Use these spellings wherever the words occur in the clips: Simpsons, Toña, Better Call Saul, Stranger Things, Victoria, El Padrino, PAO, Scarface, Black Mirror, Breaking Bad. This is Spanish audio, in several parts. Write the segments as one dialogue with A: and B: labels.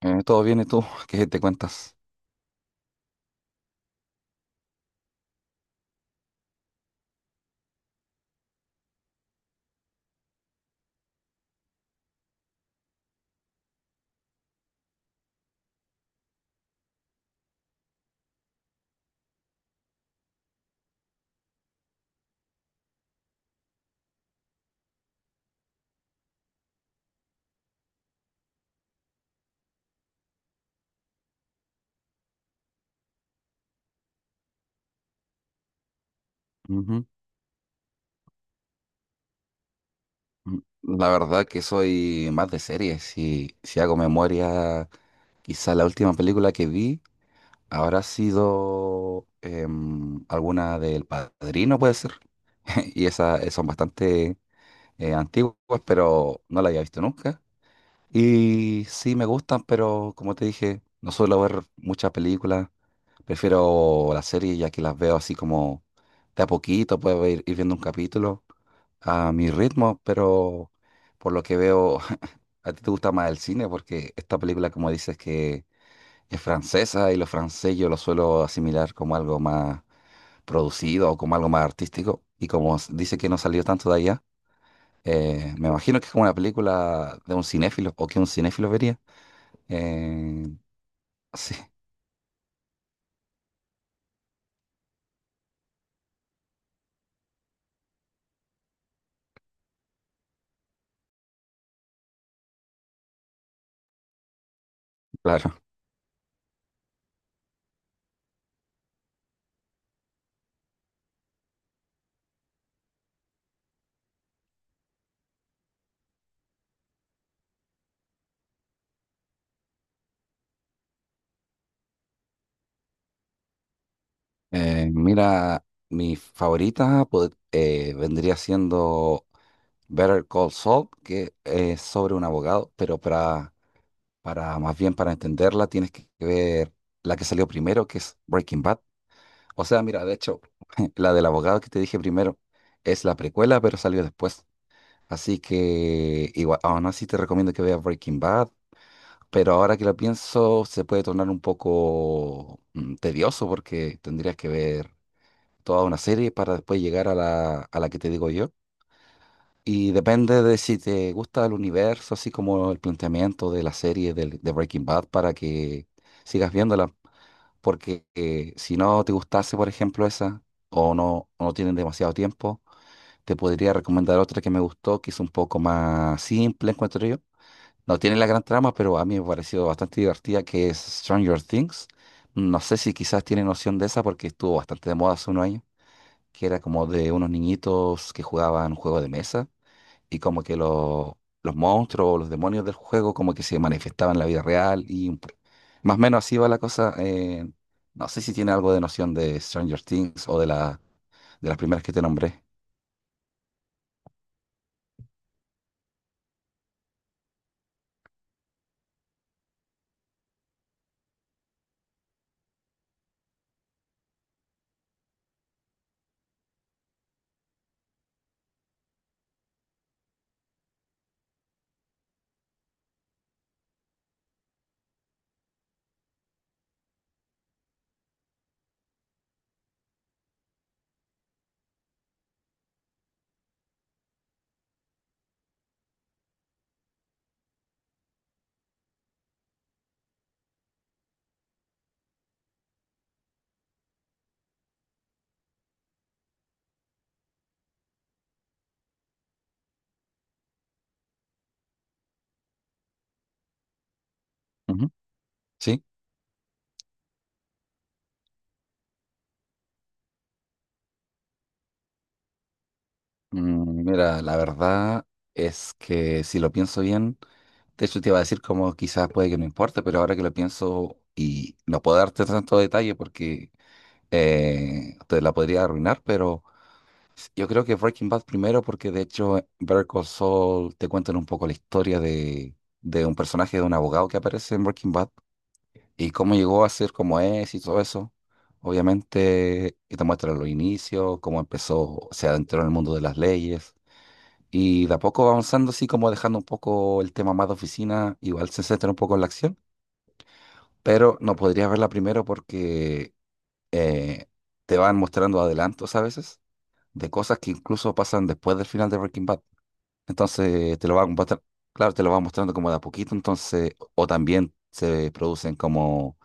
A: Todo bien, ¿y tú? ¿Qué te cuentas? Ujú. La verdad que soy más de series. Si hago memoria, quizá la última película que vi habrá sido alguna del Padrino, puede ser. Y esas son bastante antiguas, pero no la había visto nunca. Y sí me gustan, pero como te dije, no suelo ver muchas películas. Prefiero las series ya que las veo así como de a poquito, puedo ir viendo un capítulo a mi ritmo, pero por lo que veo, a ti te gusta más el cine porque esta película, como dices, que es francesa, y lo francés yo lo suelo asimilar como algo más producido o como algo más artístico. Y como dice que no salió tanto de allá, me imagino que es como una película de un cinéfilo o que un cinéfilo vería. Eh, sí. Claro. Mira, mi favorita vendría siendo Better Call Saul, que es sobre un abogado, pero para, más bien, para entenderla tienes que ver la que salió primero, que es Breaking Bad. O sea, mira, de hecho, la del abogado que te dije primero es la precuela, pero salió después. Así que igual, aún así te recomiendo que veas Breaking Bad, pero ahora que lo pienso se puede tornar un poco tedioso, porque tendrías que ver toda una serie para después llegar a a la que te digo yo. Y depende de si te gusta el universo, así como el planteamiento de la serie de Breaking Bad, para que sigas viéndola. Porque si no te gustase, por ejemplo, esa, o no tienen demasiado tiempo, te podría recomendar otra que me gustó, que es un poco más simple, encuentro yo. No tiene la gran trama, pero a mí me pareció bastante divertida, que es Stranger Things. No sé si quizás tienen noción de esa porque estuvo bastante de moda hace unos años, que era como de unos niñitos que jugaban un juego de mesa y como que los monstruos o los demonios del juego como que se manifestaban en la vida real y más o menos así va la cosa. No sé si tiene algo de noción de Stranger Things o de de las primeras que te nombré. Ujú. Sí. Mm, mira, la verdad es que si lo pienso bien, de hecho te iba a decir como quizás puede que no importe, pero ahora que lo pienso, y no puedo darte tanto detalle porque te la podría arruinar, pero... Yo creo que Breaking Bad primero, porque de hecho Better Call Saul te cuentan un poco la historia de un personaje, de un abogado que aparece en Breaking Bad, y cómo llegó a ser como es y todo eso. Obviamente, y te muestran los inicios, cómo empezó, se adentró en el mundo de las leyes y de a poco va avanzando, así como dejando un poco el tema más de oficina, igual se centra un poco en la acción, pero no podrías verla primero porque eh, te van mostrando adelantos a veces de cosas que incluso pasan después del final de Breaking Bad. Entonces te lo va mostrar, claro, te lo va mostrando como de a poquito, entonces, o también se producen como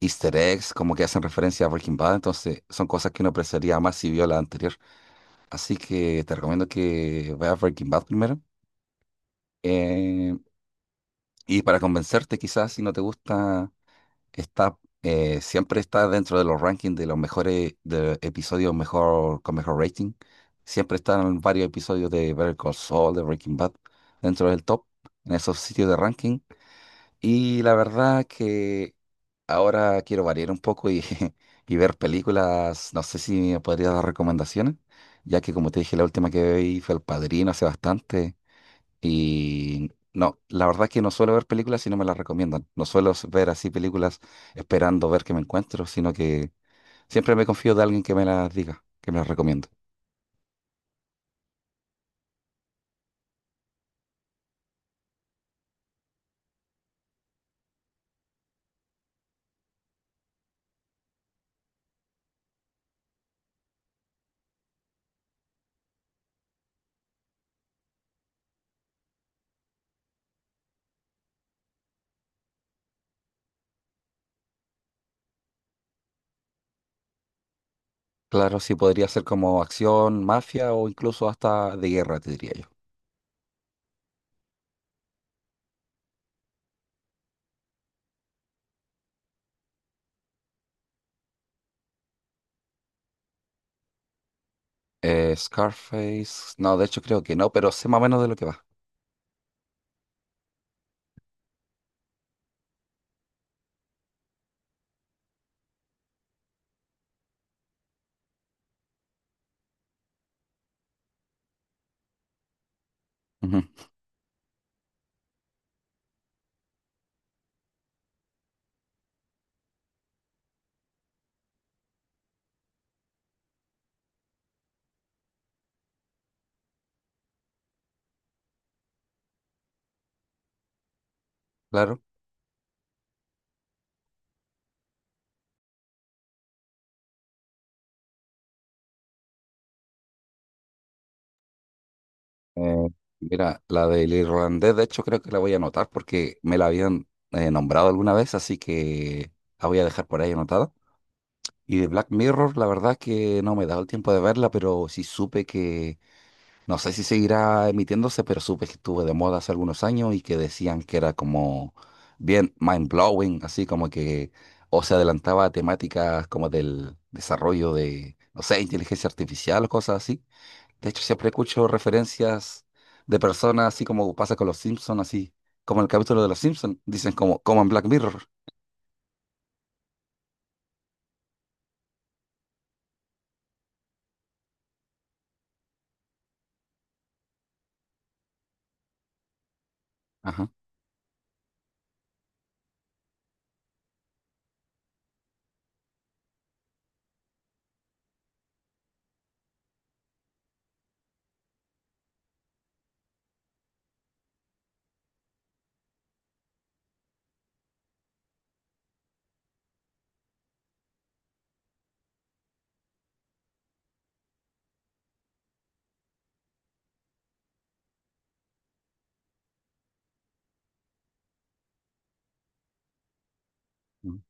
A: Easter eggs, como que hacen referencia a Breaking Bad, entonces son cosas que uno apreciaría más si vio la anterior. Así que te recomiendo que veas Breaking Bad primero. eh, y para convencerte, quizás si no te gusta, está, siempre está dentro de los rankings de los mejores de episodios mejor, con mejor rating. Siempre están varios episodios de Better Call Saul, de Breaking Bad, dentro del top, en esos sitios de ranking. Y la verdad que ahora quiero variar un poco y, y ver películas. No sé si me podrías dar recomendaciones, ya que como te dije, la última que vi fue El Padrino hace bastante. Y no, la verdad es que no suelo ver películas si no me las recomiendan. No suelo ver así películas esperando ver qué me encuentro, sino que siempre me confío de alguien que me las diga, que me las recomiende. Claro, sí podría ser como acción, mafia o incluso hasta de guerra, te diría yo. Scarface, no, de hecho creo que no, pero sé más o menos de lo que va. Ujú, claro. Eh, Mira, la del irlandés, de hecho creo que la voy a anotar porque me la habían nombrado alguna vez, así que la voy a dejar por ahí anotada. Y de Black Mirror, la verdad es que no me he dado el tiempo de verla, pero sí supe que, no sé si seguirá emitiéndose, pero supe que estuvo de moda hace algunos años y que decían que era como bien mind blowing, así como que o se adelantaba a temáticas como del desarrollo de, no sé, inteligencia artificial o cosas así. De hecho, siempre escucho referencias de personas, así como pasa con los Simpsons, así como el capítulo de los Simpsons, dicen como, como en Black Mirror. Ajá. Mm.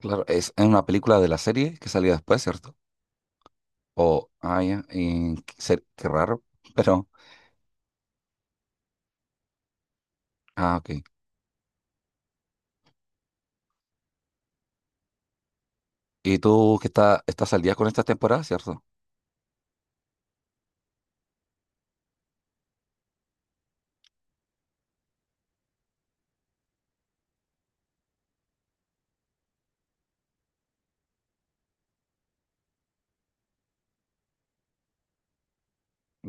A: Claro, es una película de la serie que salió después, ¿cierto? O, ah, ya, y qué qué raro, pero, ah, ok. Y tú estás al día con estas temporadas, ¿cierto?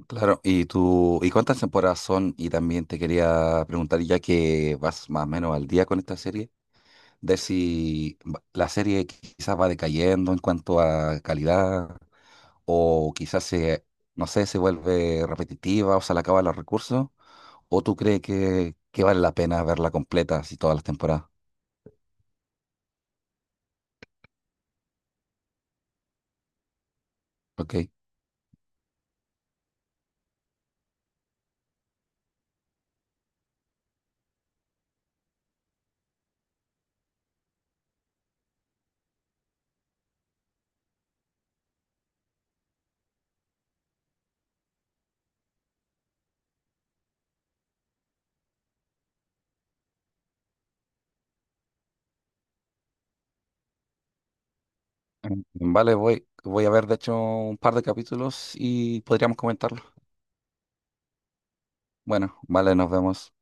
A: Claro, y tú, ¿y cuántas temporadas son? Y también te quería preguntar, ya que vas más o menos al día con esta serie, de si la serie quizás va decayendo en cuanto a calidad, o quizás se, no sé, se vuelve repetitiva o se le acaban los recursos, o tú crees que vale la pena verla completa, así todas las temporadas, ¿ok? Mm. Vale, voy a ver, de hecho, un par de capítulos y podríamos comentarlo. Bueno, vale, nos vemos.